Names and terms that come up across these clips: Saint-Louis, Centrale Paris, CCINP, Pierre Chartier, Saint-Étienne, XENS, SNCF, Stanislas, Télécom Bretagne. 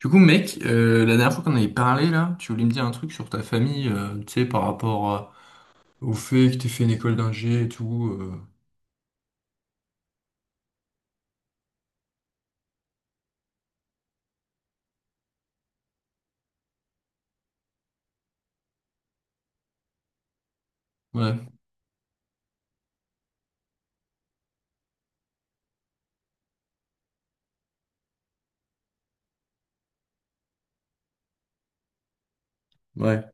Du coup, mec, la dernière fois qu'on avait parlé, là, tu voulais me dire un truc sur ta famille, tu sais, par rapport au fait que t'aies fait une école d'ingé et tout. Ouais, ouais,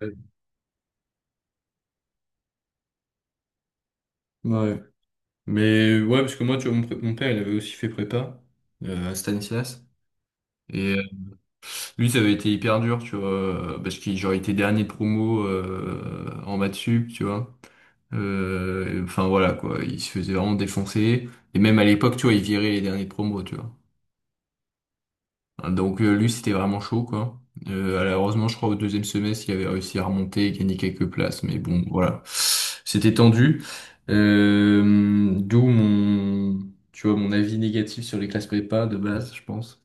ouais. Ouais. Mais ouais, parce que moi, tu vois, mon père, il avait aussi fait prépa à Stanislas. Et euh, Lui, ça avait été hyper dur, tu vois, parce qu'il genre, il était dernier de promo en maths sup, tu vois. Enfin, voilà, quoi, il se faisait vraiment défoncer. Et même à l'époque, tu vois, il virait les derniers de promo, tu vois. Donc lui, c'était vraiment chaud, quoi. Alors, heureusement, je crois au deuxième semestre, il avait réussi à remonter et gagner quelques places, mais bon, voilà, c'était tendu. D'où mon, tu vois, mon avis négatif sur les classes prépa de base, je pense.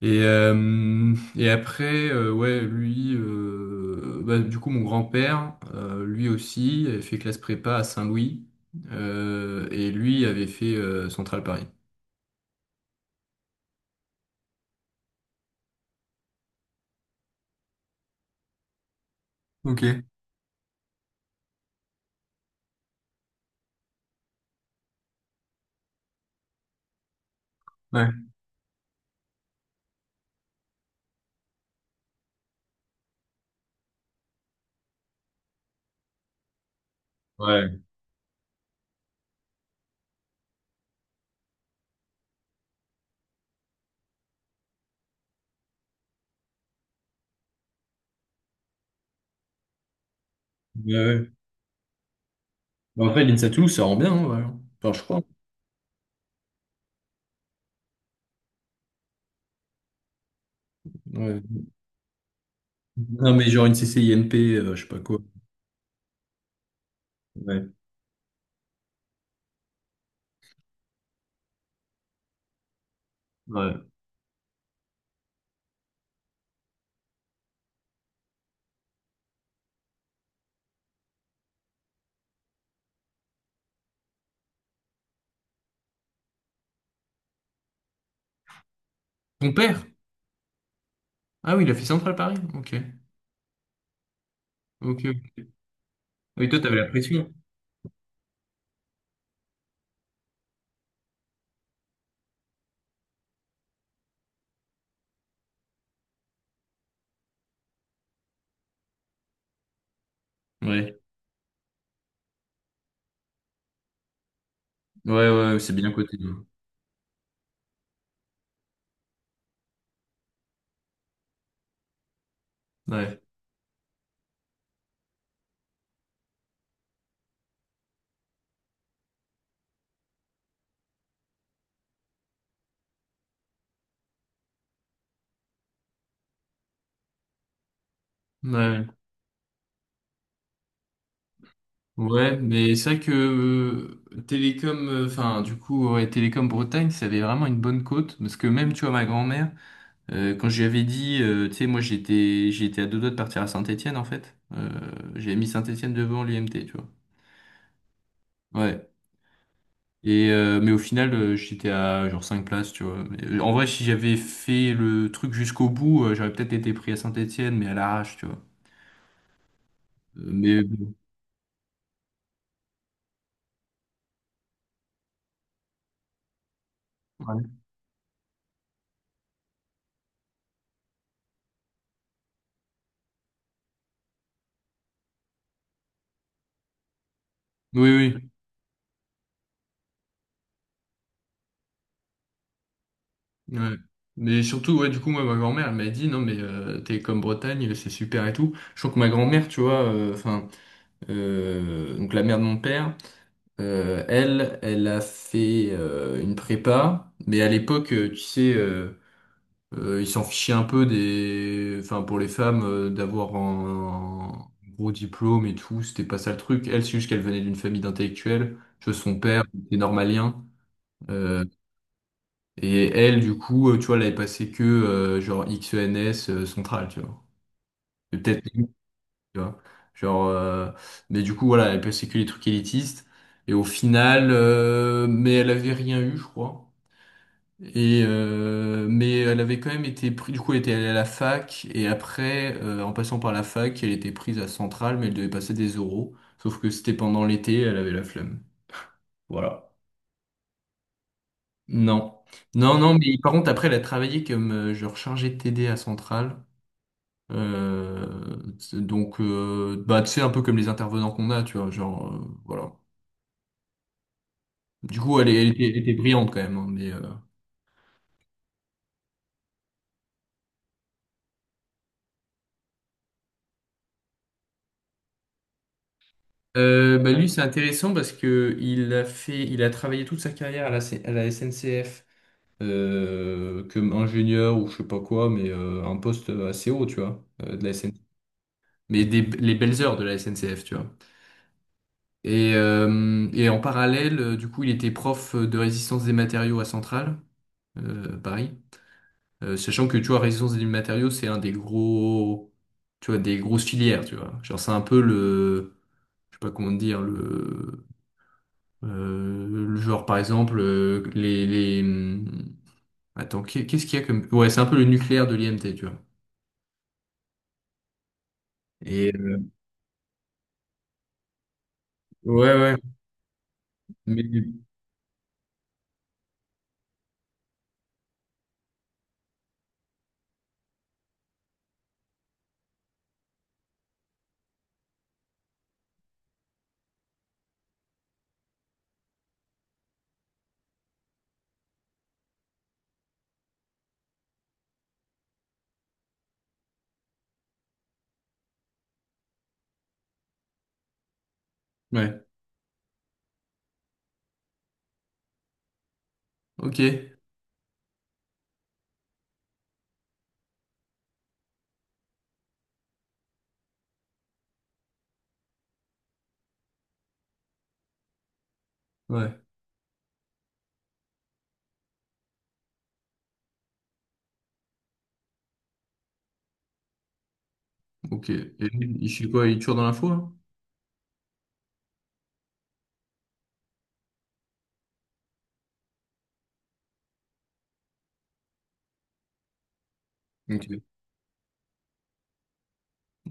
Et après, ouais, lui, bah, du coup, mon grand-père, lui aussi, avait fait classe prépa à Saint-Louis, et lui avait fait Centrale Paris. Ok, ouais. Ouais, ouais, ouais. Bah, après, l'INSATU, ça rend bien, hein, ouais. Enfin, je crois. Ouais. Non, mais genre une CCINP, je sais pas quoi. Ouais. Ouais. Ton père? Ah oui, il a fait Centrale Paris. Ok. Ok, ok. Ah oui, toi, t'avais la pression. Ouais. Ouais, ouais, c'est bien coté. Ouais. Ouais. Ouais, mais c'est vrai que Télécom, enfin, du coup, ouais, Télécom Bretagne, ça avait vraiment une bonne cote. Parce que même, tu vois, ma grand-mère, quand je lui avais dit, tu sais, moi, j'étais à deux doigts de partir à Saint-Étienne, en fait. J'avais mis Saint-Étienne devant l'UMT, tu vois. Ouais. Mais au final, j'étais à genre 5 places, tu vois. Mais, en vrai, si j'avais fait le truc jusqu'au bout, j'aurais peut-être été pris à Saint-Étienne, mais à l'arrache, tu vois. Mais bon. Ouais. Oui, oui. Ouais. Mais surtout, ouais, du coup, moi, ma grand-mère, elle m'a dit, non, mais t'es comme Bretagne, c'est super et tout. Je trouve que ma grand-mère, tu vois, enfin, donc la mère de mon père, elle a fait une prépa, mais à l'époque, tu sais. Ils s'en fichaient un peu des, enfin pour les femmes d'avoir un gros diplôme et tout, c'était pas ça le truc. Elle, c'est juste qu'elle venait d'une famille d'intellectuels. Tu vois, son père était normalien. Euh, et elle, du coup, tu vois, elle avait passé que genre XENS central, tu vois. Et peut-être, tu vois. Genre, mais du coup, voilà, elle passait que les trucs élitistes. Et au final, mais elle avait rien eu, je crois. Mais elle avait quand même été prise, du coup elle était allée à la fac, et après, en passant par la fac, elle était prise à Centrale, mais elle devait passer des oraux, sauf que c'était pendant l'été, elle avait la flemme. Voilà. Non. Non, non, mais par contre après elle a travaillé comme genre chargée de TD à Centrale. Donc bah, tu sais, un peu comme les intervenants qu'on a, tu vois, genre voilà. Du coup elle était brillante quand même, hein, bah lui, c'est intéressant parce que il a travaillé toute sa carrière à la SNCF comme ingénieur ou je sais pas quoi, mais un poste assez haut, tu vois, de la SNCF. Mais des, les belles heures de la SNCF, tu vois. Et en parallèle, du coup, il était prof de résistance des matériaux à Centrale, Paris. Sachant que, tu vois, résistance des matériaux, c'est un des gros, tu vois, des grosses filières, tu vois. Genre, c'est un peu le, je sais pas comment dire, le genre par exemple les attends, qu'est-ce qu'il y a comme, ouais, c'est un peu le nucléaire de l'IMT, tu vois. Et euh, ouais ouais, mais ouais. Ok, ouais, ok. Et, il fait quoi? Il est toujours dans l'info là? Ok,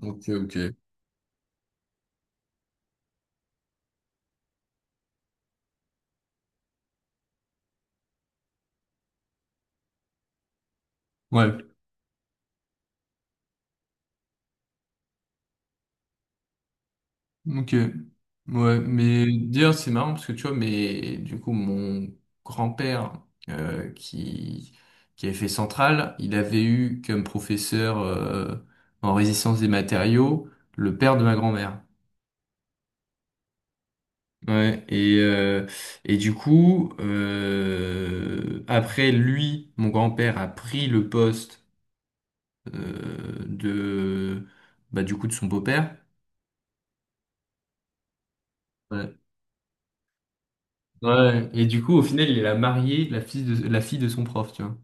ok, ok. Ouais. Ok. Ouais, mais dire c'est marrant parce que tu vois, mais du coup, mon grand-père euh, qui, qui avait fait Centrale, il avait eu comme professeur en résistance des matériaux le père de ma grand-mère. Ouais, et du coup, après lui, mon grand-père a pris le poste euh, de, bah, du coup, de son beau-père. Ouais. Et du coup, au final, il a marié la fille de son prof, tu vois.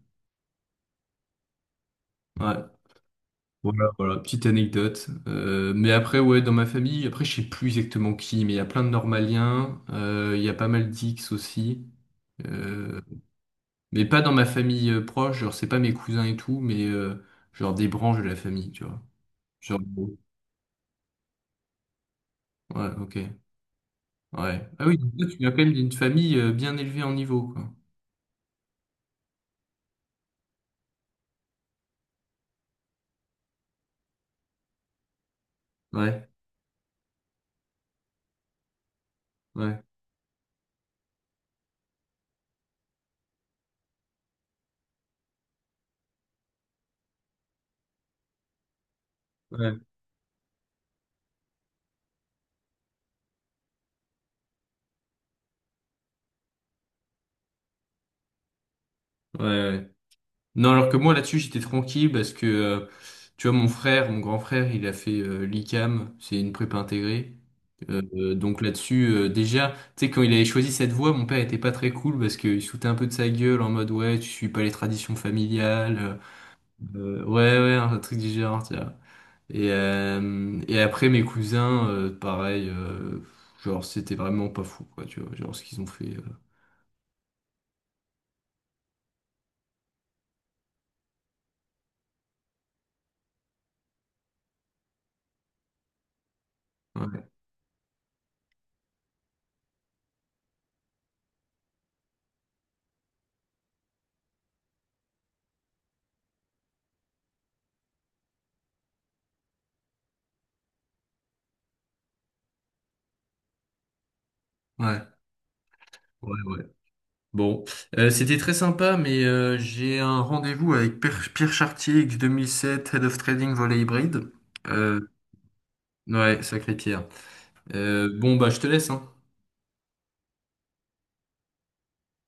Ouais. Voilà, voilà, petite anecdote. Mais après, ouais, dans ma famille, après, je sais plus exactement qui, mais il y a plein de normaliens, il y a pas mal d'X aussi. Euh, mais pas dans ma famille proche, genre c'est pas mes cousins et tout, mais genre des branches de la famille, tu vois. Genre, ouais, ok. Ouais. Ah oui, donc toi, tu viens quand même d'une famille bien élevée en niveau, quoi. Ouais, ouais, ouais, ouais. Ouais. Non, alors que moi là-dessus j'étais tranquille parce que tu vois, mon grand frère, il a fait l'ICAM, c'est une prépa intégrée. Donc là-dessus déjà, tu sais, quand il avait choisi cette voie, mon père était pas très cool parce qu'il se foutait un peu de sa gueule en mode ouais tu suis pas les traditions familiales, ouais ouais un truc du genre, tu vois. Et après mes cousins, pareil, genre c'était vraiment pas fou quoi tu vois, genre ce qu'ils ont fait. Ouais, ouais, ouais. Ouais. Bon, c'était très sympa, mais j'ai un rendez-vous avec Pierre Chartier, X 2007 Head of Trading Volet Hybride. Euh, ouais, sacré Pierre. Bon, bah, je te laisse, hein.